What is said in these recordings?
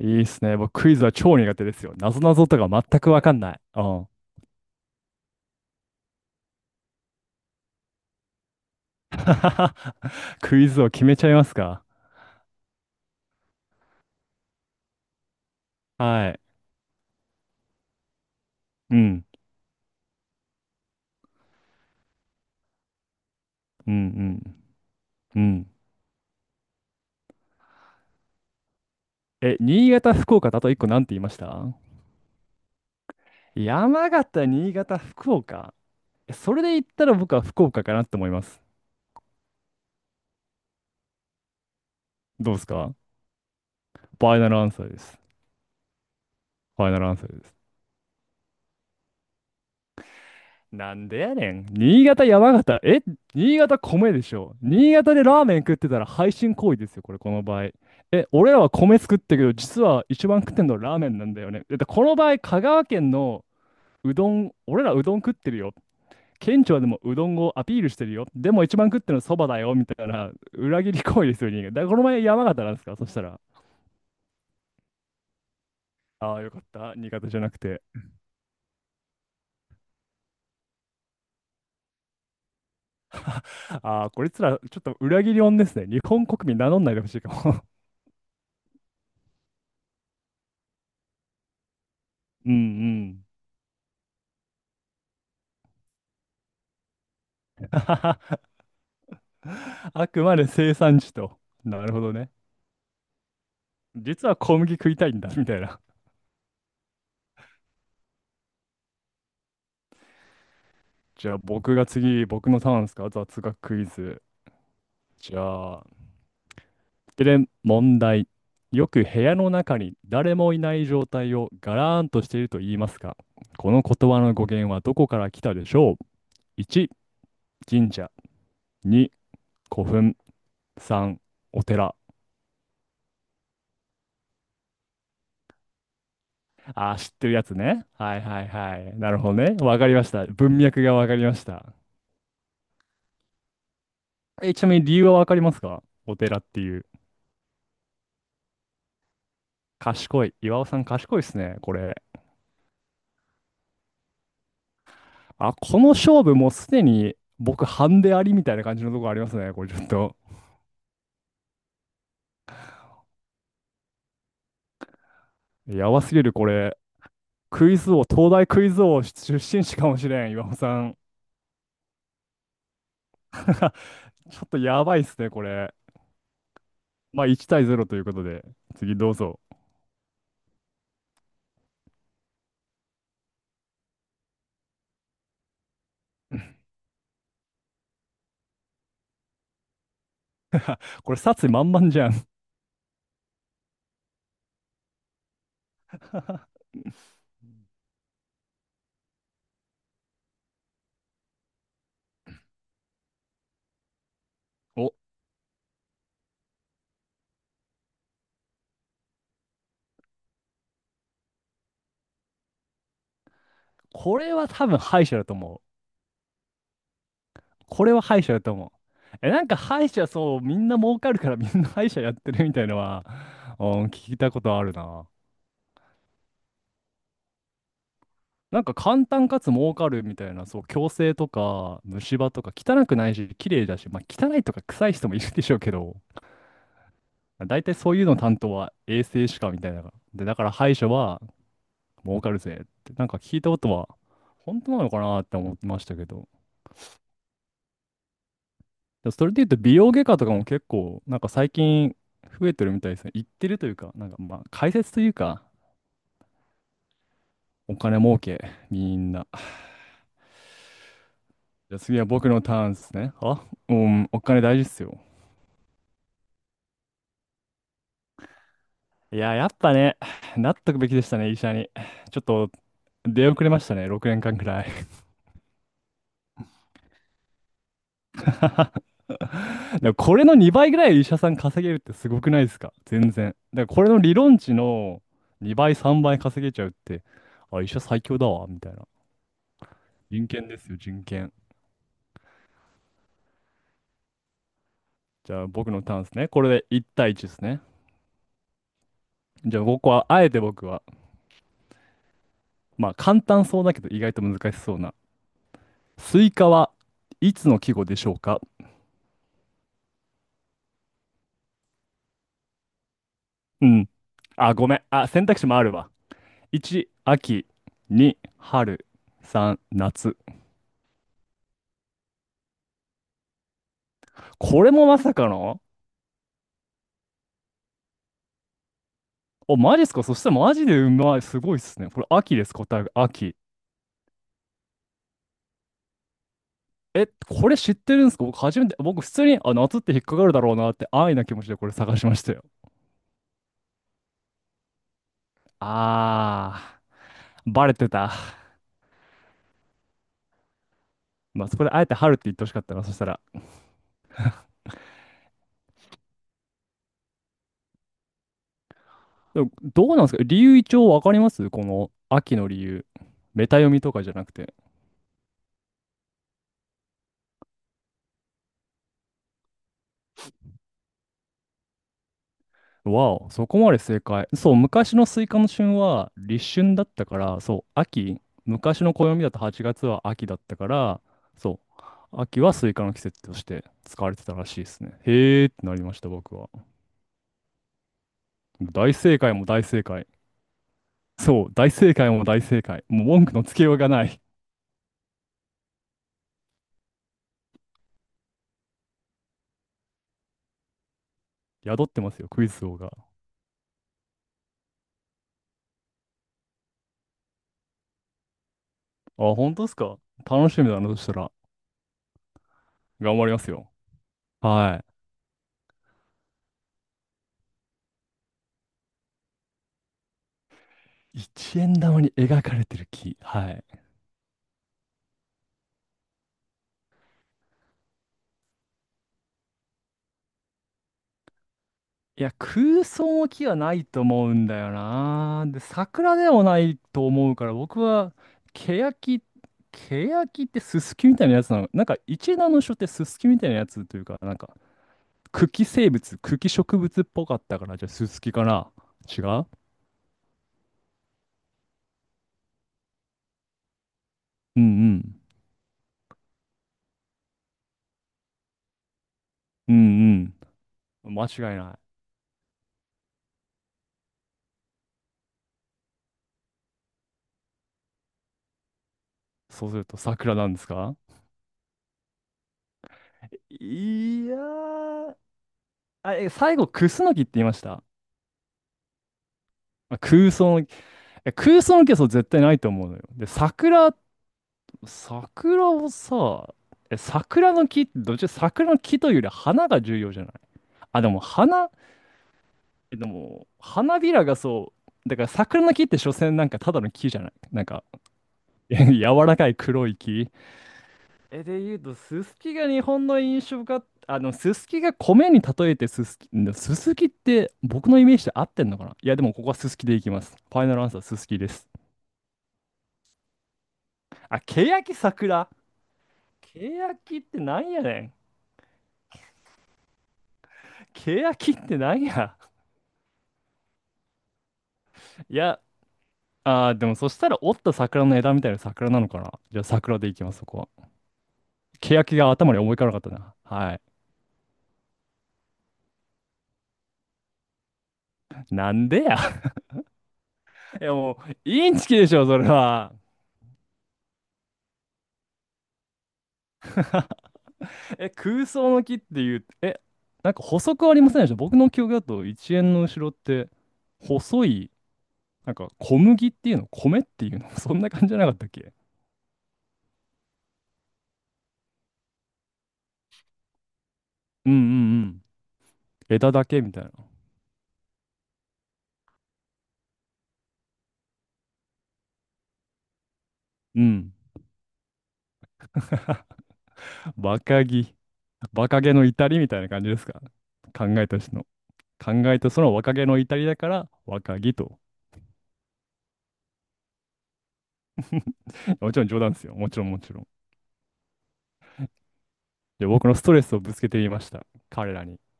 いいっすね。僕、クイズは超苦手ですよ。なぞなぞとか全くわかんない。うん。クイズを決めちゃいますか？はい。うん。うん、うん、うん。え、新潟、福岡だと一個なんて言いました？山形、新潟、福岡。え、それで言ったら僕は福岡かなって思います。どうですか？ファイナルアンサーです。ファイナルアンサーです。なんでやねん。新潟、山形。え、新潟米でしょ。新潟でラーメン食ってたら配信行為ですよ、これ、この場合。え、俺らは米作ってるけど、実は一番食ってんのラーメンなんだよね。だってこの場合、香川県のうどん、俺らうどん食ってるよ。県庁でもうどんをアピールしてるよ。でも一番食ってるのそばだよ、みたいな裏切り行為ですよ、新潟。だからこの前山形なんですか、そしたら。ああ、よかった。新潟じゃなくて。ああ、こいつら、ちょっと裏切り音ですね。日本国民名乗んないでほしいかも。うんうん。あくまで生産地と。なるほどね。実は小麦食いたいんだ、みたいな。じゃあ僕が次、僕のターンですか？雑学クイズ。じゃあ、で、問題。よく部屋の中に誰もいない状態をガラーンとしていると言いますか？この言葉の語源はどこから来たでしょう？ 1、神社。2、古墳。3、お寺。ああ、知ってるやつね。はいはいはい。なるほどね。わかりました。文脈がわかりました。え、ちなみに理由はわかりますか？お寺っていう。賢い。岩尾さん賢いですね、これ。あ、この勝負もうすでに僕半でありみたいな感じのとこありますね、これちょっと。やばすぎる、これ。クイズ王、東大クイズ王出身地かもしれん、岩尾さん。ちょっとやばいっすね、これ。まあ1-0ということで、次どうぞ。これ殺意満々じゃん。お、これは多分敗者だと思う。これは歯医者だと思う。え、なんか歯医者そう、みんな儲かるからみんな歯医者やってるみたいなのは、うん、聞いたことあるな。なんか簡単かつ儲かるみたいな、そう、矯正とか虫歯とか汚くないし、綺麗だし、まあ汚いとか臭い人もいるでしょうけど、大体そういうの担当は衛生士かみたいな。で、だから歯医者は儲かるぜって、なんか聞いたことは、本当なのかなって思ってましたけど。でもそれで言うと美容外科とかも結構なんか最近増えてるみたいですね。行ってるというか、なんかまあ解説というか、お金儲け、みんな。じゃあ次は僕のターンですね。あ、うん、お金大事っすよ。いや、やっぱね、なっとくべきでしたね、医者に。ちょっと出遅れましたね、6年間くらい。でもこれの2倍ぐらい医者さん稼げるってすごくないですか？全然。だからこれの理論値の2倍、3倍稼げちゃうって、あ、医者最強だわ、みたいな。人権ですよ、人権。じゃあ僕のターンですね。これで1-1ですね。じゃあここは、あえて僕は、まあ簡単そうだけど意外と難しそうな。スイカはいつの季語でしょうか？うん。あ、ごめん。あ、選択肢もあるわ。1、秋。2、春。3、夏。これもまさかの、お、マジっすか？そしたらマジでうまい。すごいっすね。これ秋です、答えが。秋。え、これ知ってるんですか？僕初めて、僕普通に、あ、夏って引っかかるだろうなって安易な気持ちでこれ探しましたよ。あー、バレてた。まあそこであえて春って言ってほしかったな、そしたら。でもどうなんですか、理由一応わかりますこの秋の理由。メタ読みとかじゃなくて。わお、そこまで正解。そう、昔のスイカの旬は立春だったから、そう、秋。昔の暦だと8月は秋だったから、そう、秋はスイカの季節として使われてたらしいですね。へーってなりました、僕は。大正解も大正解。そう、大正解も大正解。もう文句のつけようがない。宿ってますよ、クイズ王が。あ、本当ですか？楽しみだな、そしたら。頑張りますよ。はい。一円玉に描かれてる木。はい。いや、空想の木はないと思うんだよな。で、桜でもないと思うから、僕は、ケヤキ、ケヤキってススキみたいなやつなの。なんか、一円玉の書ってススキみたいなやつというか、なんか、茎植物っぽかったから、じゃあススキかな。違う、うんうん。うんうん。間違いない。そうすると桜なんですか？いやー、あ、え、最後、クスノキって言いました？まあ空想の木、え、空想の木はそう絶対ないと思うのよ。で、桜、桜をさ、え、桜の木って、どっちら桜の木というより花が重要じゃない？あ、でも花、え、でも、花びらがそう、だから桜の木って所詮なんかただの木じゃないなんか、え、柔らかい黒い木？え、で言うと、ススキが日本の印象が、あの、ススキが米に例えてススキ、んススキって僕のイメージで合ってんのかな？いや、でもここはススキでいきます。ファイナルアンサー、ススキです。あ、ケヤキ桜。ケヤキってなんやねん。ケヤキってなんや。いや、あー、でもそしたら折った桜の枝みたいな桜なのかな？じゃあ桜でいきます、そこは。ケヤキが頭に思い浮かばなかったな。はい。なんでや。いやもう、インチキでしょ、それは。え、空想の木っていう、え、なんか補足ありませんでした？僕の記憶だと一円の後ろって、細い、なんか小麦っていうの、米っていうの、そんな感じじゃなかったっけ？うんうんうん。枝だけみたいな。うん。バカギ。バカゲの至りみたいな感じですか？考えた人の。考えたその若気の至りだから若気と。もちろん冗談ですよ。もちろんもちろん。で、僕のストレスをぶつけてみました。彼らに。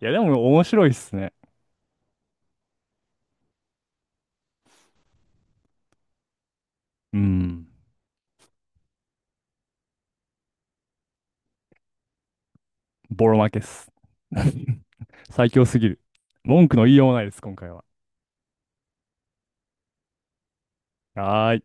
いや、でも面白いっすね。うん。ボロ負けっす。最強すぎる。文句の言いようもないです、今回は。はーい。